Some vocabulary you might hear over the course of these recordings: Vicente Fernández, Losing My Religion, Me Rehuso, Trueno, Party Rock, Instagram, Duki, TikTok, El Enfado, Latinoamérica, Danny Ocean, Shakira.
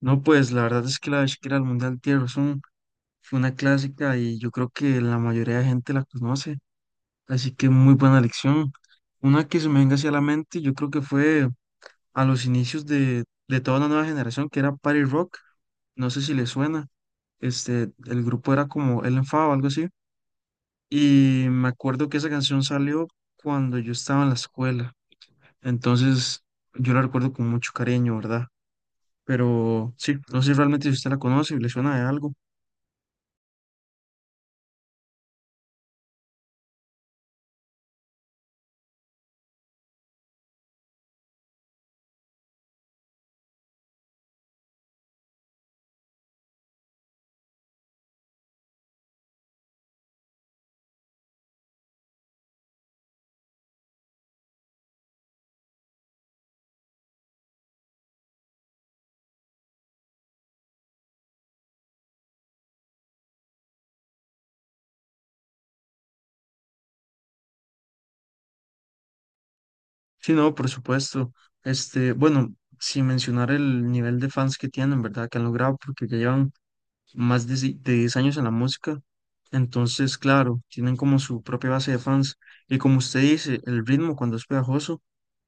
No, pues la verdad es que la de Shakira al Mundial Tierra fue una clásica y yo creo que la mayoría de gente la conoce, así que muy buena lección. Una que se me venga hacia la mente, yo creo que fue a los inicios de toda una nueva generación, que era Party Rock. No sé si le suena. El grupo era como El Enfado o algo así, y me acuerdo que esa canción salió cuando yo estaba en la escuela, entonces yo la recuerdo con mucho cariño, ¿verdad? Pero sí, no sé realmente si usted la conoce y le suena de algo. Sí, no, por supuesto. Bueno, sin mencionar el nivel de fans que tienen, ¿verdad? Que han logrado, porque ya llevan más de, si- de 10 años en la música. Entonces, claro, tienen como su propia base de fans. Y como usted dice, el ritmo cuando es pegajoso,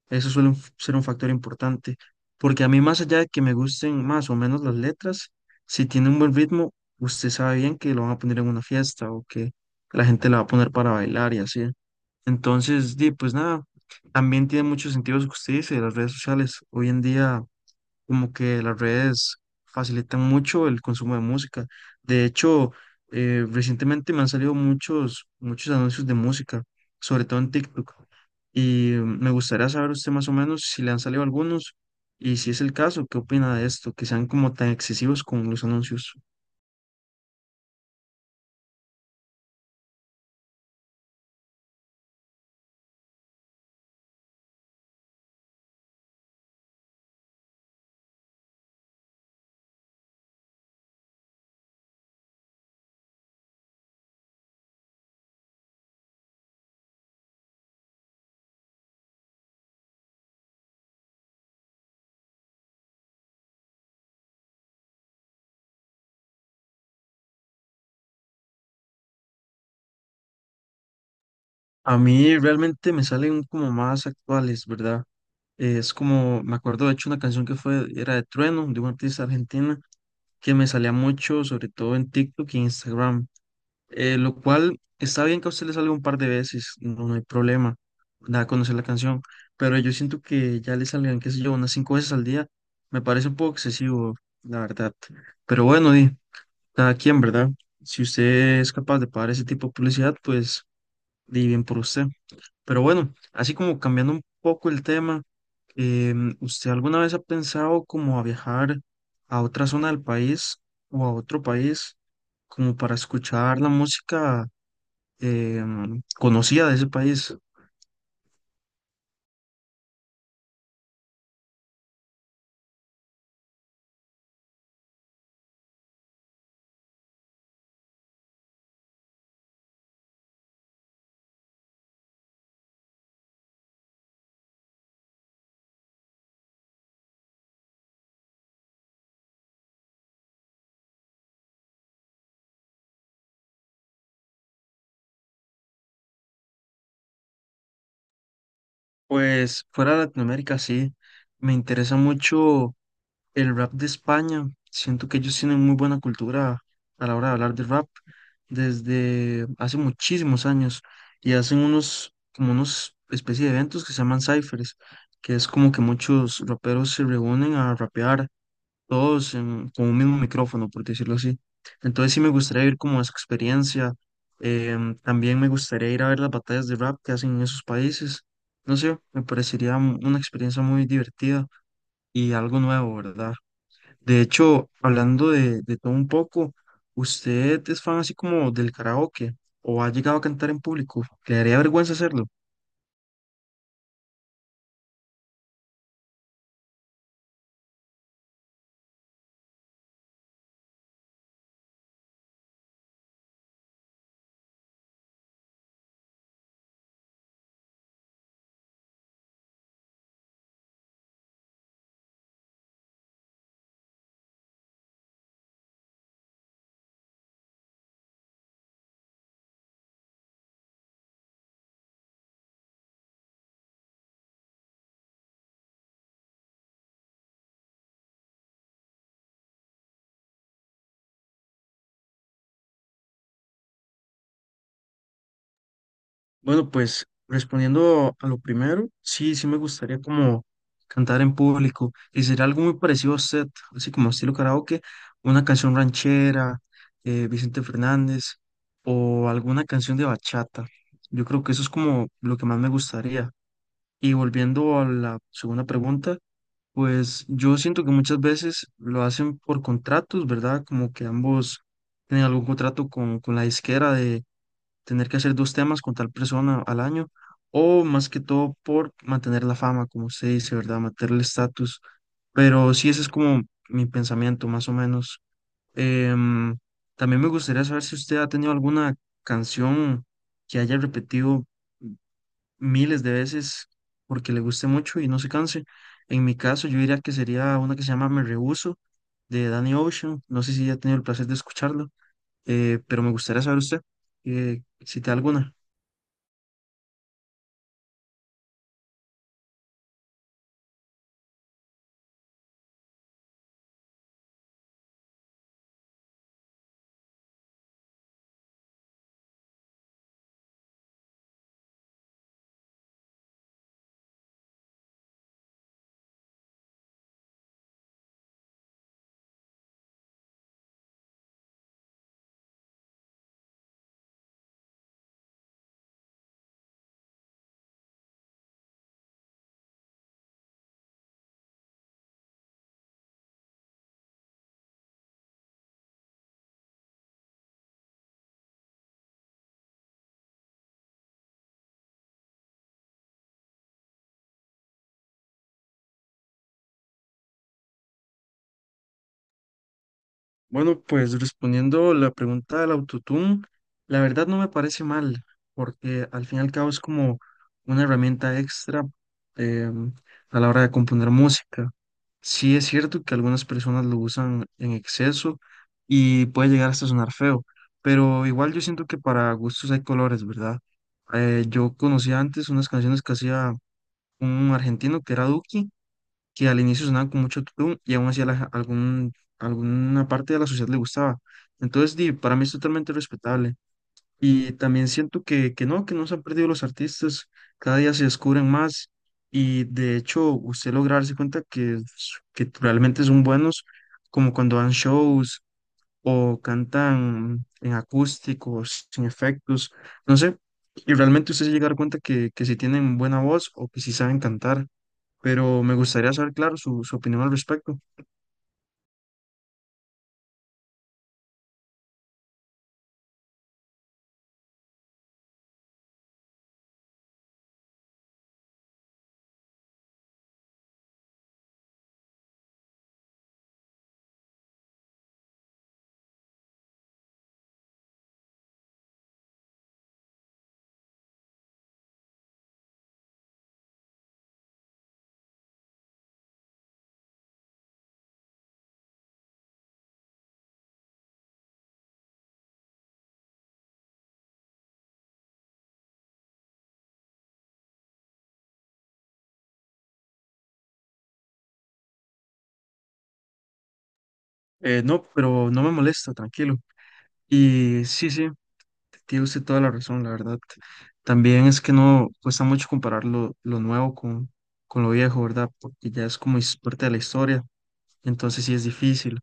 eso suele ser un factor importante. Porque a mí, más allá de que me gusten más o menos las letras, si tiene un buen ritmo, usted sabe bien que lo van a poner en una fiesta o que la gente la va a poner para bailar y así. Entonces, di, pues nada, también tiene mucho sentido lo que usted dice de las redes sociales. Hoy en día, como que las redes facilitan mucho el consumo de música. De hecho, recientemente me han salido muchos, muchos anuncios de música, sobre todo en TikTok. Y me gustaría saber usted más o menos si le han salido algunos y si es el caso, ¿qué opina de esto? Que sean como tan excesivos con los anuncios. A mí realmente me salen como más actuales, ¿verdad? Es como, me acuerdo de hecho una canción que era de Trueno, de una artista argentina, que me salía mucho, sobre todo en TikTok y Instagram, lo cual está bien que a usted le salga un par de veces, no, no hay problema, da a conocer la canción, pero yo siento que ya le salgan, qué sé yo, unas cinco veces al día, me parece un poco excesivo, la verdad. Pero bueno, di, cada quien, ¿verdad? Si usted es capaz de pagar ese tipo de publicidad, pues di bien por usted. Pero bueno, así como cambiando un poco el tema. ¿Usted alguna vez ha pensado como a viajar a otra zona del país o a otro país como para escuchar la música conocida de ese país? Pues fuera de Latinoamérica sí, me interesa mucho el rap de España. Siento que ellos tienen muy buena cultura a la hora de hablar de rap desde hace muchísimos años y hacen unos, como unos especie de eventos que se llaman cyphers, que es como que muchos raperos se reúnen a rapear todos con un mismo micrófono, por decirlo así. Entonces sí me gustaría ir como a esa experiencia. También me gustaría ir a ver las batallas de rap que hacen en esos países. No sé, me parecería una experiencia muy divertida y algo nuevo, ¿verdad? De hecho, hablando de todo un poco, ¿usted es fan así como del karaoke o ha llegado a cantar en público? ¿Le daría vergüenza hacerlo? Bueno, pues respondiendo a lo primero, sí, sí me gustaría como cantar en público y sería algo muy parecido a usted, así como estilo karaoke, una canción ranchera, Vicente Fernández o alguna canción de bachata. Yo creo que eso es como lo que más me gustaría. Y volviendo a la segunda pregunta. Pues yo siento que muchas veces lo hacen por contratos, ¿verdad? Como que ambos tienen algún contrato con la disquera de tener que hacer dos temas con tal persona al año, o más que todo por mantener la fama, como se dice, ¿verdad? Mantener el estatus. Pero sí, ese es como mi pensamiento, más o menos. Em, también me gustaría saber si usted ha tenido alguna canción que haya repetido miles de veces porque le guste mucho y no se canse. En mi caso, yo diría que sería una que se llama Me Rehuso de Danny Ocean. No sé si ya ha tenido el placer de escucharlo, pero me gustaría saber usted, si te da alguna. Bueno, pues respondiendo la pregunta del autotune, la verdad no me parece mal, porque al fin y al cabo es como una herramienta extra em, a la hora de componer música. Sí es cierto que algunas personas lo usan en exceso y puede llegar hasta sonar feo, pero igual yo siento que para gustos hay colores, ¿verdad? Yo conocía antes unas canciones que hacía un argentino que era Duki, que al inicio sonaban con mucho tutum y aún así ja, alguna parte de la sociedad le gustaba. Entonces, di, para mí es totalmente respetable. Y también siento que no se han perdido los artistas, cada día se descubren más y de hecho usted logra darse cuenta que realmente son buenos, como cuando dan shows o cantan en acústicos, sin efectos, no sé, y realmente usted se llega a dar cuenta que si tienen buena voz o que si saben cantar, pero me gustaría saber, claro, su opinión al respecto. No, pero no me molesta, tranquilo. Y sí, sí. Tiene usted toda la razón, la verdad. También es que no cuesta mucho comparar lo nuevo con lo viejo, ¿verdad? Porque ya es como es parte de la historia, entonces sí es difícil.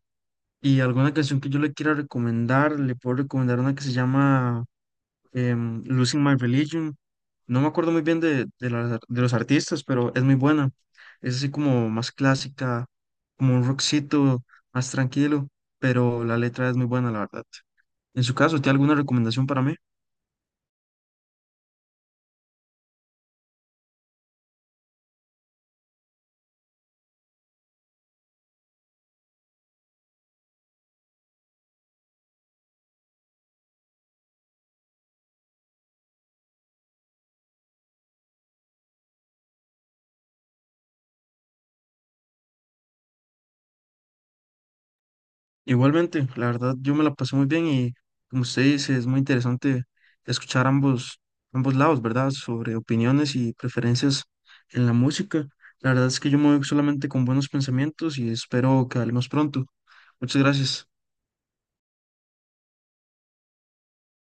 Y alguna canción que yo le quiera recomendar, le puedo recomendar una que se llama Losing My Religion. No me acuerdo muy bien las de los artistas, pero es muy buena. Es así como más clásica, como un rockcito, más tranquilo, pero la letra es muy buena, la verdad. En su caso, ¿tiene alguna recomendación para mí? Igualmente, la verdad, yo me la pasé muy bien y como usted dice, es muy interesante escuchar ambos lados, ¿verdad? Sobre opiniones y preferencias en la música. La verdad es que yo me voy solamente con buenos pensamientos y espero que hablemos pronto. Muchas gracias.